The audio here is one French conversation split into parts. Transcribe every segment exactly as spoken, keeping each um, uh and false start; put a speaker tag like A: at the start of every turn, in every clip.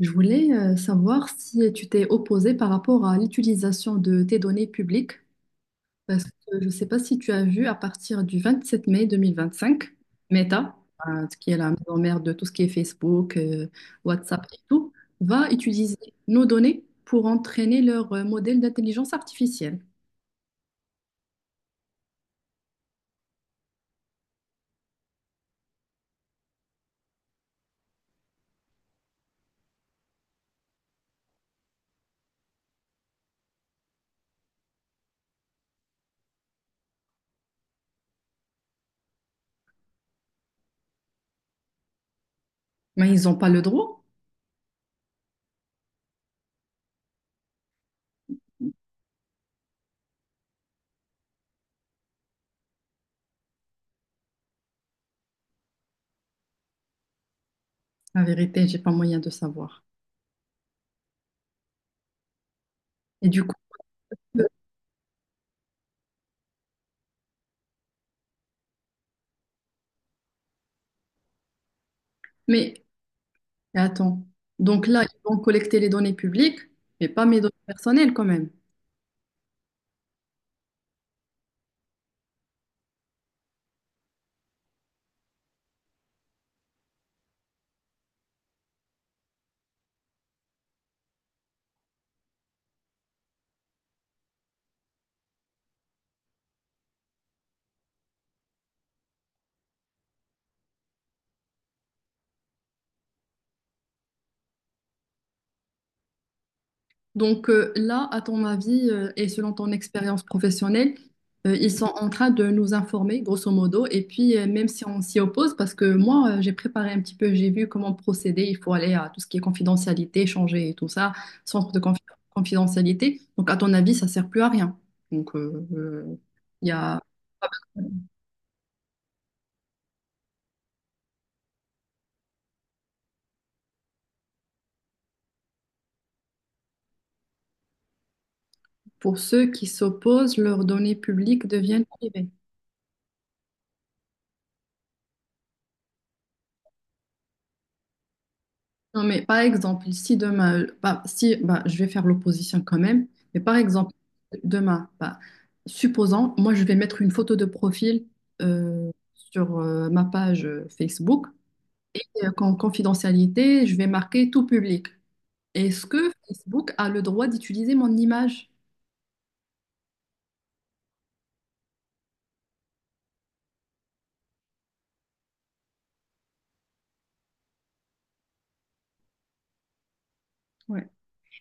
A: Je voulais euh, savoir si tu t'es opposé par rapport à l'utilisation de tes données publiques, parce que je ne sais pas si tu as vu à partir du vingt-sept mai deux mille vingt-cinq, Meta, euh, qui est la maison mère de tout ce qui est Facebook, euh, WhatsApp et tout, va utiliser nos données pour entraîner leur euh, modèle d'intelligence artificielle. Mais ils n'ont pas le droit. La vérité, j'ai pas moyen de savoir. Et du coup, euh, mais attends, donc là, ils vont collecter les données publiques, mais pas mes données personnelles quand même. Donc euh, là, à ton avis euh, et selon ton expérience professionnelle, euh, ils sont en train de nous informer, grosso modo. Et puis, euh, même si on s'y oppose, parce que moi, euh, j'ai préparé un petit peu, j'ai vu comment procéder. Il faut aller à tout ce qui est confidentialité, changer et tout ça, centre de confi- confidentialité. Donc, à ton avis, ça sert plus à rien. Donc, euh, euh, il y a, pour ceux qui s'opposent, leurs données publiques deviennent privées. Non, mais par exemple, si demain, bah, si, bah, je vais faire l'opposition quand même, mais par exemple, demain, bah, supposons, moi, je vais mettre une photo de profil euh, sur euh, ma page euh, Facebook, et euh, qu'en confidentialité, je vais marquer tout public. Est-ce que Facebook a le droit d'utiliser mon image? Ouais.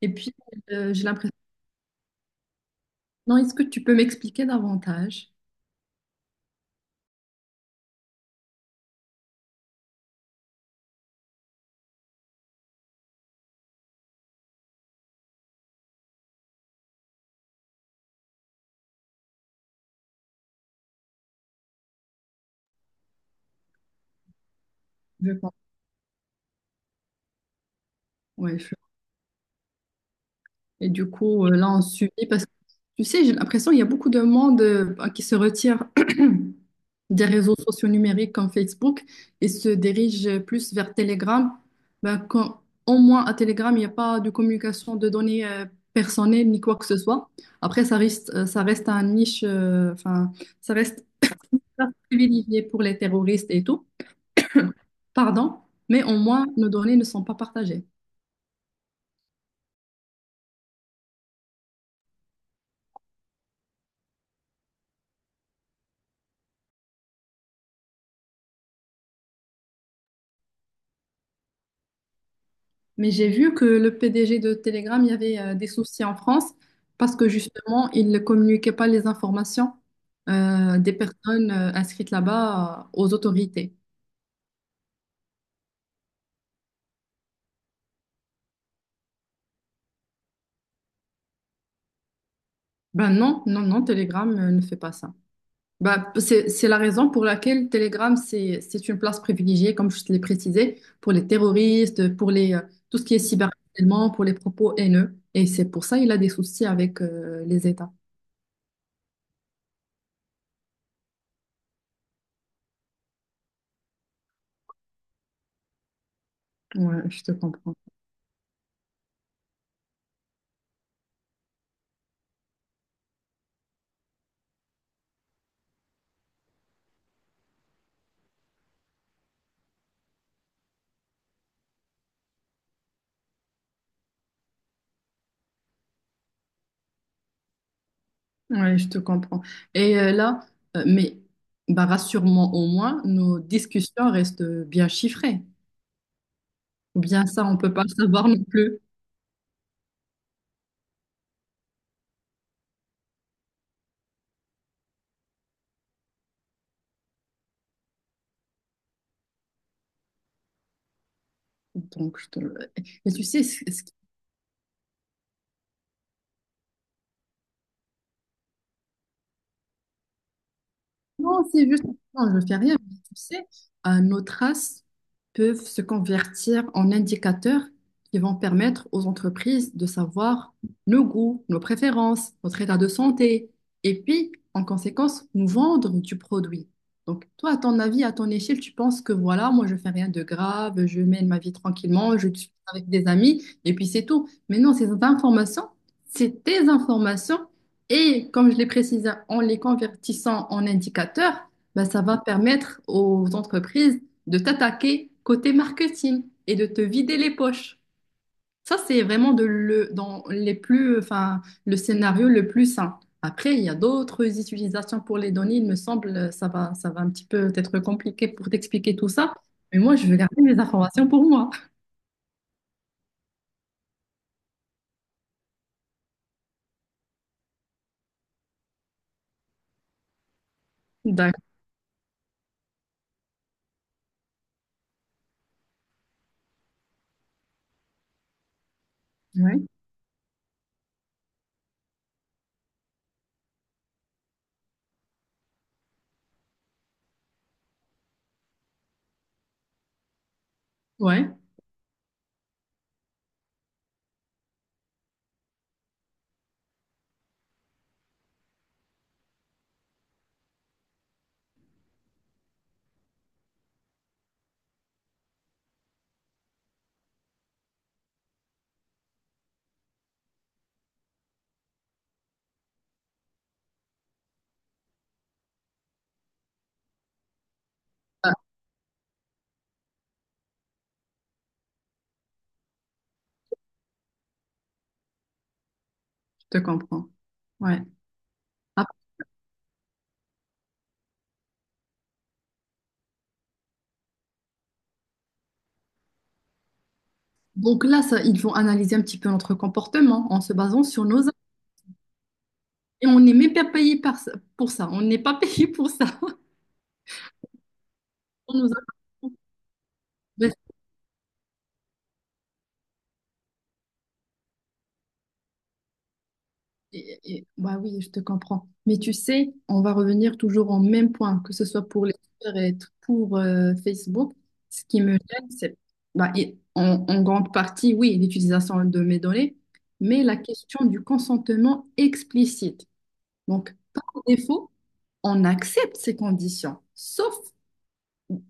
A: Et puis, euh, j'ai l'impression, non, est-ce que tu peux m'expliquer davantage? Je pense. Ouais, je- Et du coup, euh, là, on subit parce que, tu sais, j'ai l'impression qu'il y a beaucoup de monde euh, qui se retire des réseaux sociaux numériques comme Facebook et se dirigent plus vers Telegram. Ben, quand, au moins à Telegram, il n'y a pas de communication de données euh, personnelles ni quoi que ce soit. Après, ça reste, euh, ça reste un niche, euh, enfin, ça reste privilégié pour les terroristes et tout, pardon, mais au moins nos données ne sont pas partagées. Mais j'ai vu que le P D G de Telegram, il y avait euh, des soucis en France parce que justement, il ne communiquait pas les informations euh, des personnes euh, inscrites là-bas euh, aux autorités. Ben non, non, non, Telegram euh, ne fait pas ça. Ben, c'est, c'est la raison pour laquelle Telegram, c'est, c'est une place privilégiée, comme je te l'ai précisé, pour les terroristes, pour les, euh, tout ce qui est cyberharcèlement, pour les propos haineux. Et c'est pour ça qu'il a des soucis avec euh, les États. Ouais, je te comprends. Oui, je te comprends. Et euh, là, euh, mais bah, rassure-moi au moins, nos discussions restent bien chiffrées. Ou bien ça, on peut pas savoir non plus. Donc, je te- Et tu sais, ce, Non, c'est juste, non, je ne fais rien. Mais tu sais, euh, nos traces peuvent se convertir en indicateurs qui vont permettre aux entreprises de savoir nos goûts, nos préférences, notre état de santé, et puis, en conséquence, nous vendre du produit. Donc, toi, à ton avis, à ton échelle, tu penses que voilà, moi, je fais rien de grave, je mène ma vie tranquillement, je suis avec des amis, et puis c'est tout. Mais non, ces informations, c'est tes informations et comme je l'ai précisé, en les convertissant en indicateurs, ben, ça va permettre aux entreprises de t'attaquer côté marketing et de te vider les poches. Ça, c'est vraiment de le, dans les plus, enfin, le scénario le plus sain. Après, il y a d'autres utilisations pour les données. Il me semble, ça va, ça va un petit peu être compliqué pour t'expliquer tout ça. Mais moi, je veux garder mes informations pour moi. D'accord. Ouais. Ouais. Ah, je te comprends. Ouais. Donc là, ça, ils vont analyser un petit peu notre comportement en se basant sur nos actes. Et on n'est même pas payé par ça- pour ça. On n'est pas payé pour ça. On nous a- Mais- et- et- bah oui, je te comprends. Mais tu sais, on va revenir toujours au même point, que ce soit pour les Twitter pour euh, Facebook. Ce qui me gêne, c'est bah, et en, en grande partie, oui, l'utilisation de mes données, mais la question du consentement explicite. Donc, par défaut, on accepte ces conditions, sauf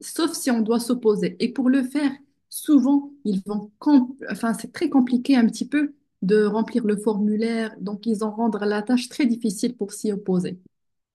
A: sauf si on doit s'opposer. Et pour le faire, souvent, ils vont, com- enfin, c'est très compliqué un petit peu de remplir le formulaire, donc ils en rendent la tâche très difficile pour s'y opposer.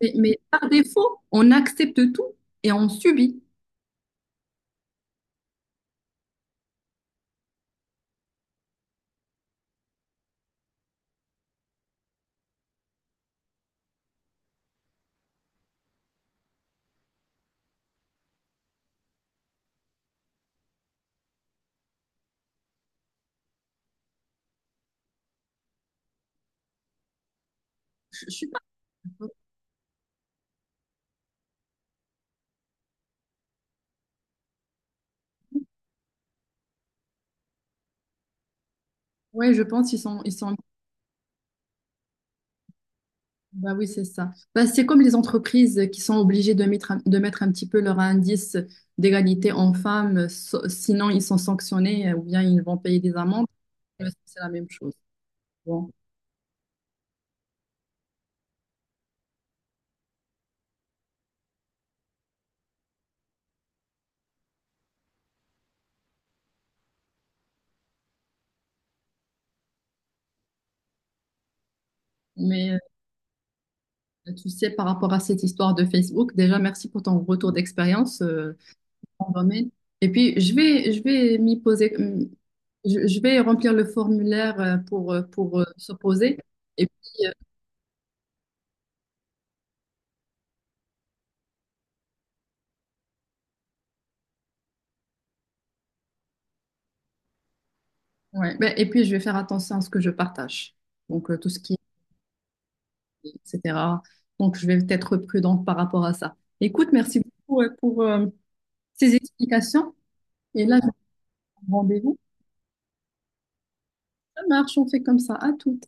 A: Mais, mais par défaut, on accepte tout et on subit. Je, je suis pas. Ouais, je pense qu'ils sont, ils sont. Bah oui, c'est ça. Bah, c'est comme les entreprises qui sont obligées de mettre, un- de mettre un petit peu leur indice d'égalité en femmes, so- sinon ils sont sanctionnés euh, ou bien ils vont payer des amendes. Euh, C'est la même chose. Bon. Mais tu sais, par rapport à cette histoire de Facebook, déjà, merci pour ton retour d'expérience euh, en domaine. Et puis, je vais, je vais m'y poser, hum, je, je vais remplir le formulaire euh, pour, euh, pour euh, s'opposer. Et puis, euh, ouais, ben, et puis, je vais faire attention à ce que je partage. Donc, euh, tout ce qui est, et cetera. Donc, je vais être prudente par rapport à ça. Écoute, merci beaucoup euh, pour euh, ces explications. Et là, je vais prendre rendez-vous. Ça marche, on fait comme ça. À tout.